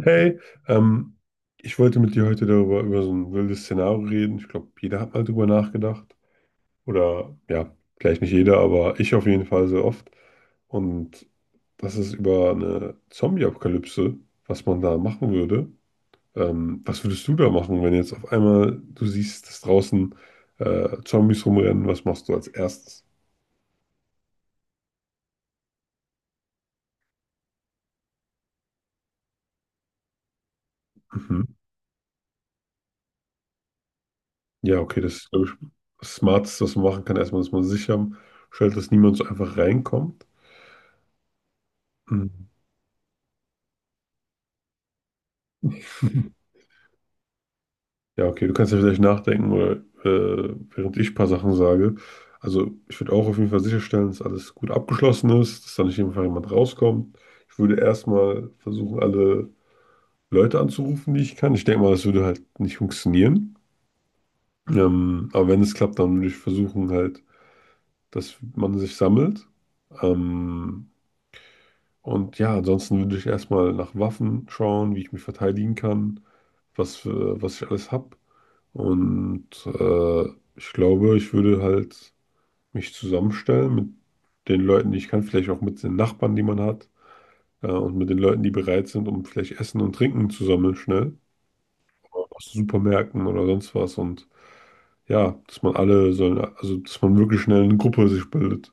Hey, ähm, ich wollte mit dir heute darüber über so ein wildes Szenario reden. Ich glaube, jeder hat mal drüber nachgedacht. Oder ja, vielleicht nicht jeder, aber ich auf jeden Fall sehr oft. Und das ist über eine Zombie-Apokalypse, was man da machen würde. Was würdest du da machen, wenn jetzt auf einmal du siehst, dass draußen Zombies rumrennen? Was machst du als erstes? Mhm. Ja, okay, das ist, glaube ich, das Smarteste, was man machen kann. Erstmal, dass man sicher stellt, dass niemand so einfach reinkommt. Mhm. Ja, okay, du kannst ja vielleicht nachdenken oder während ich ein paar Sachen sage. Also ich würde auch auf jeden Fall sicherstellen, dass alles gut abgeschlossen ist, dass da nicht einfach jemand rauskommt. Ich würde erstmal versuchen, alle Leute anzurufen, die ich kann. Ich denke mal, das würde halt nicht funktionieren. Aber wenn es klappt, dann würde ich versuchen halt, dass man sich sammelt. Ähm, und ja, ansonsten würde ich erstmal nach Waffen schauen, wie ich mich verteidigen kann, was ich alles habe. Und ich glaube, ich würde halt mich zusammenstellen mit den Leuten, die ich kann, vielleicht auch mit den Nachbarn, die man hat, und mit den Leuten, die bereit sind, um vielleicht Essen und Trinken zu sammeln, schnell, aus Supermärkten oder sonst was. Und ja, dass man alle sollen, also dass man wirklich schnell eine Gruppe sich bildet.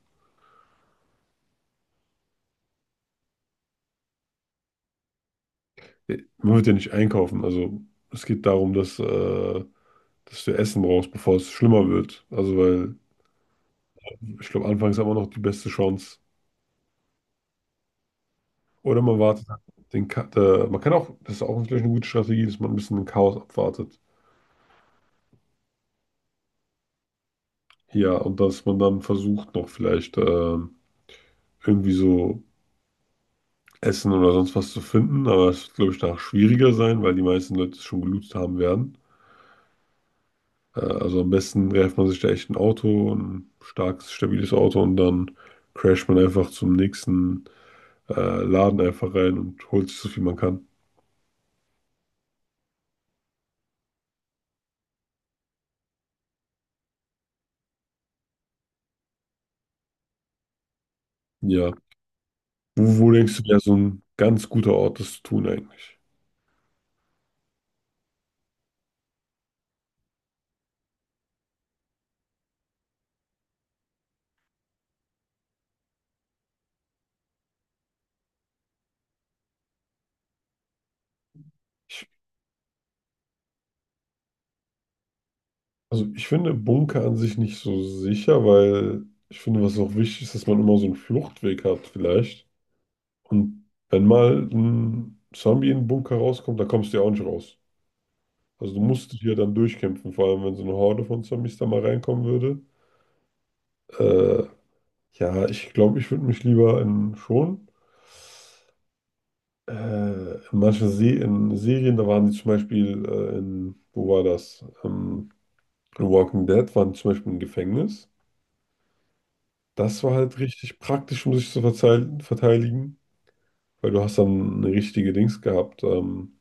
Man wird ja nicht einkaufen, also es geht darum, dass, dass du Essen brauchst, bevor es schlimmer wird. Also, weil ich glaube, anfangs haben wir noch die beste Chance. Oder man wartet den Ka man kann auch, das ist auch vielleicht eine gute Strategie, dass man ein bisschen den Chaos abwartet. Ja, und dass man dann versucht, noch vielleicht irgendwie so Essen oder sonst was zu finden. Aber es wird, glaube ich, danach schwieriger sein, weil die meisten Leute es schon gelootet haben werden. Also am besten greift man sich da echt ein Auto, ein starkes, stabiles Auto und dann crasht man einfach zum nächsten äh, Laden einfach rein und holt sich so viel man kann. Ja. Wo, wo denkst du, wäre so ein ganz guter Ort, das zu tun eigentlich? Ich Also ich finde Bunker an sich nicht so sicher, weil ich finde, was auch wichtig ist, dass man immer so einen Fluchtweg hat vielleicht. Und wenn mal ein Zombie in den Bunker rauskommt, dann kommst du ja auch nicht raus. Also du musst dich ja dann durchkämpfen, vor allem wenn so eine Horde von Zombies da mal reinkommen würde. Äh, ja, ich glaube, ich würde mich lieber in schon. In manchen Se in Serien, da waren die zum Beispiel in, wo war das? In Walking Dead waren die zum Beispiel im Gefängnis. Das war halt richtig praktisch, um sich zu verteidigen, weil du hast dann eine richtige Dings gehabt.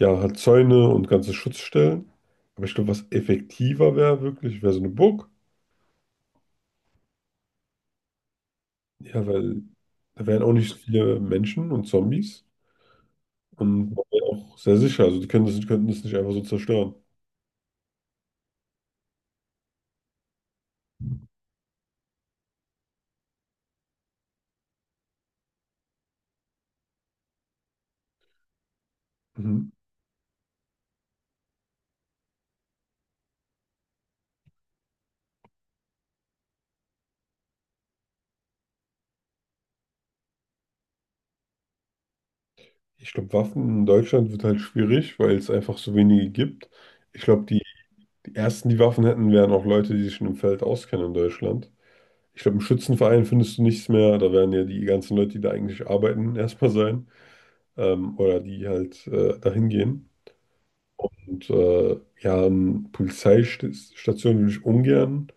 Ja, halt Zäune und ganze Schutzstellen. Aber ich glaube, was effektiver wäre wirklich, wäre so eine Burg. Ja, weil da wären auch nicht so viele Menschen und Zombies. Und man wäre auch sehr sicher. Also die können das, die könnten das nicht einfach so zerstören. Mhm. Ich glaube, Waffen in Deutschland wird halt schwierig, weil es einfach so wenige gibt. Ich glaube, die ersten, die Waffen hätten, wären auch Leute, die sich schon im Feld auskennen in Deutschland. Ich glaube, im Schützenverein findest du nichts mehr. Da werden ja die ganzen Leute, die da eigentlich arbeiten, erstmal sein. Oder die halt dahin gehen. Und ja, an Polizeistationen würde ich ungern.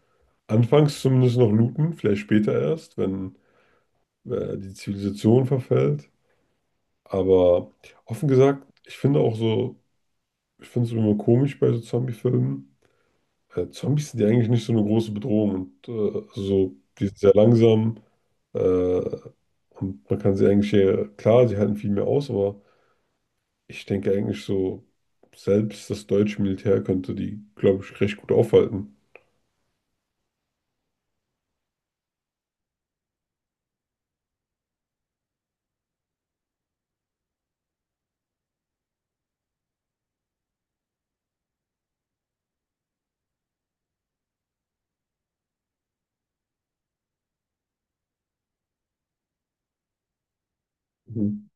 Anfangs zumindest noch looten, vielleicht später erst, wenn die Zivilisation verfällt. Aber offen gesagt, ich finde auch so, ich finde es immer komisch bei so Zombie-Filmen. Zombies sind ja eigentlich nicht so eine große Bedrohung und also so, die sind sehr langsam äh, und man kann sie eigentlich, klar, sie halten viel mehr aus, aber ich denke eigentlich so, selbst das deutsche Militär könnte die, glaube ich, recht gut aufhalten. Mhm.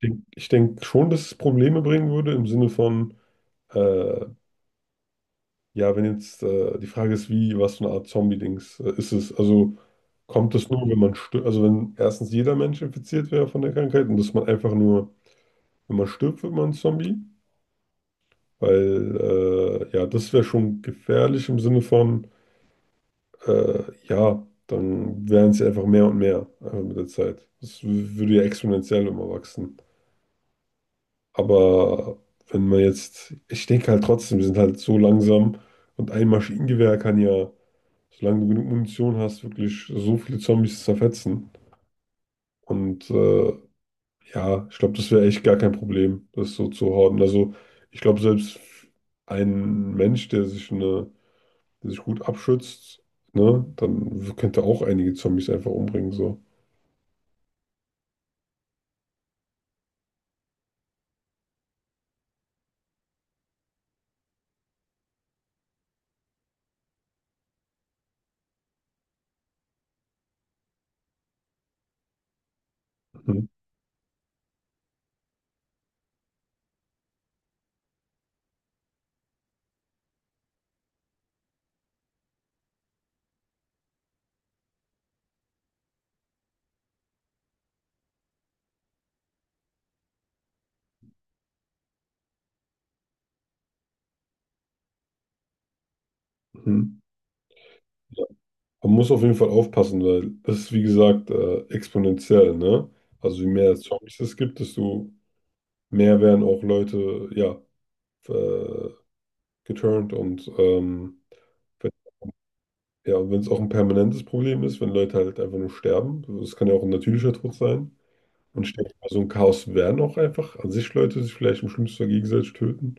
Ich denk schon, dass es Probleme bringen würde im Sinne von, äh, ja, wenn jetzt die Frage ist, wie, was für eine Art Zombie-Dings ist es? Also kommt das nur, wenn man stirbt, also wenn erstens jeder Mensch infiziert wäre von der Krankheit und dass man einfach nur wenn man stirbt, wird man ein Zombie. Weil, ja, das wäre schon gefährlich im Sinne von, äh, ja, dann wären es ja einfach mehr und mehr einfach mit der Zeit. Würde ja exponentiell immer wachsen. Aber wenn man jetzt, ich denke halt trotzdem, wir sind halt so langsam und ein Maschinengewehr kann ja, solange du genug Munition hast, wirklich so viele Zombies zerfetzen. Und ja, ich glaube, das wäre echt gar kein Problem, das so zu horten. Also ich glaube, selbst ein Mensch, der sich gut abschützt, ne, dann könnte auch einige Zombies einfach umbringen. So. Mhm. Mhm. Ja. Man muss auf jeden Fall aufpassen, weil das ist, wie gesagt, exponentiell, ne? Also je mehr Zombies es gibt, desto mehr werden auch Leute, ja, äh, geturnt und wenn- ja, und wenn es auch ein permanentes Problem ist, wenn Leute halt einfach nur sterben, das kann ja auch ein natürlicher Tod sein. Und stell dir mal, so ein Chaos werden auch einfach an sich Leute sich vielleicht im schlimmsten Fall gegenseitig töten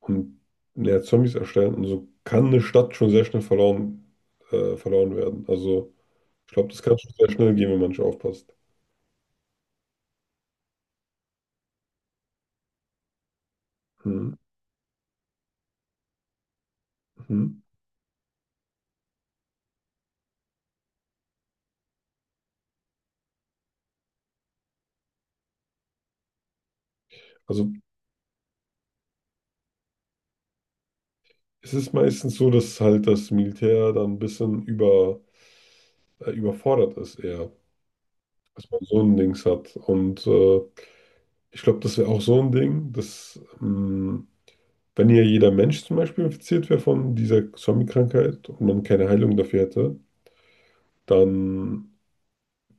und ja, Zombies erstellen. Und so kann eine Stadt schon sehr schnell verloren werden. Also ich glaube, das kann schon sehr schnell gehen, wenn man nicht aufpasst. Hm, hm. Also es ist meistens so, dass halt das Militär dann ein bisschen überfordert ist eher, dass man so ein Dings hat. Und ich glaube, das wäre auch so ein Ding, dass... mh, wenn hier jeder Mensch zum Beispiel infiziert wäre von dieser Zombie-Krankheit und man keine Heilung dafür hätte, dann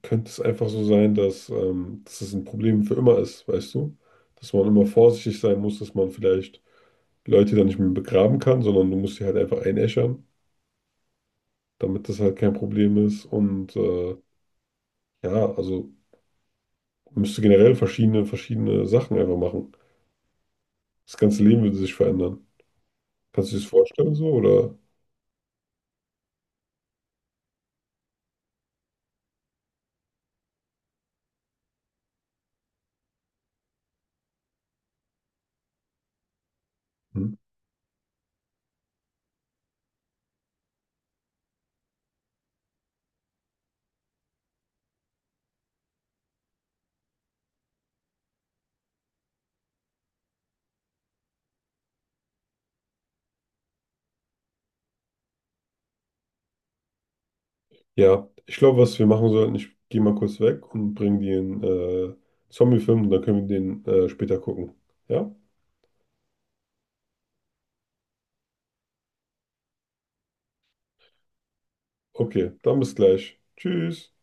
könnte es einfach so sein, dass, dass es ein Problem für immer ist, weißt du? Dass man immer vorsichtig sein muss, dass man vielleicht Leute dann nicht mehr begraben kann, sondern du musst sie halt einfach einäschern, damit das halt kein Problem ist. Und ja, also man müsste generell verschiedene Sachen einfach machen. Das ganze Leben würde sich verändern. Kannst du dir das vorstellen so oder? Hm. Ja, ich glaube, was wir machen sollten, ich gehe mal kurz weg und bringe den Zombie-Film und dann können wir den später gucken. Ja? Okay, dann bis gleich. Tschüss.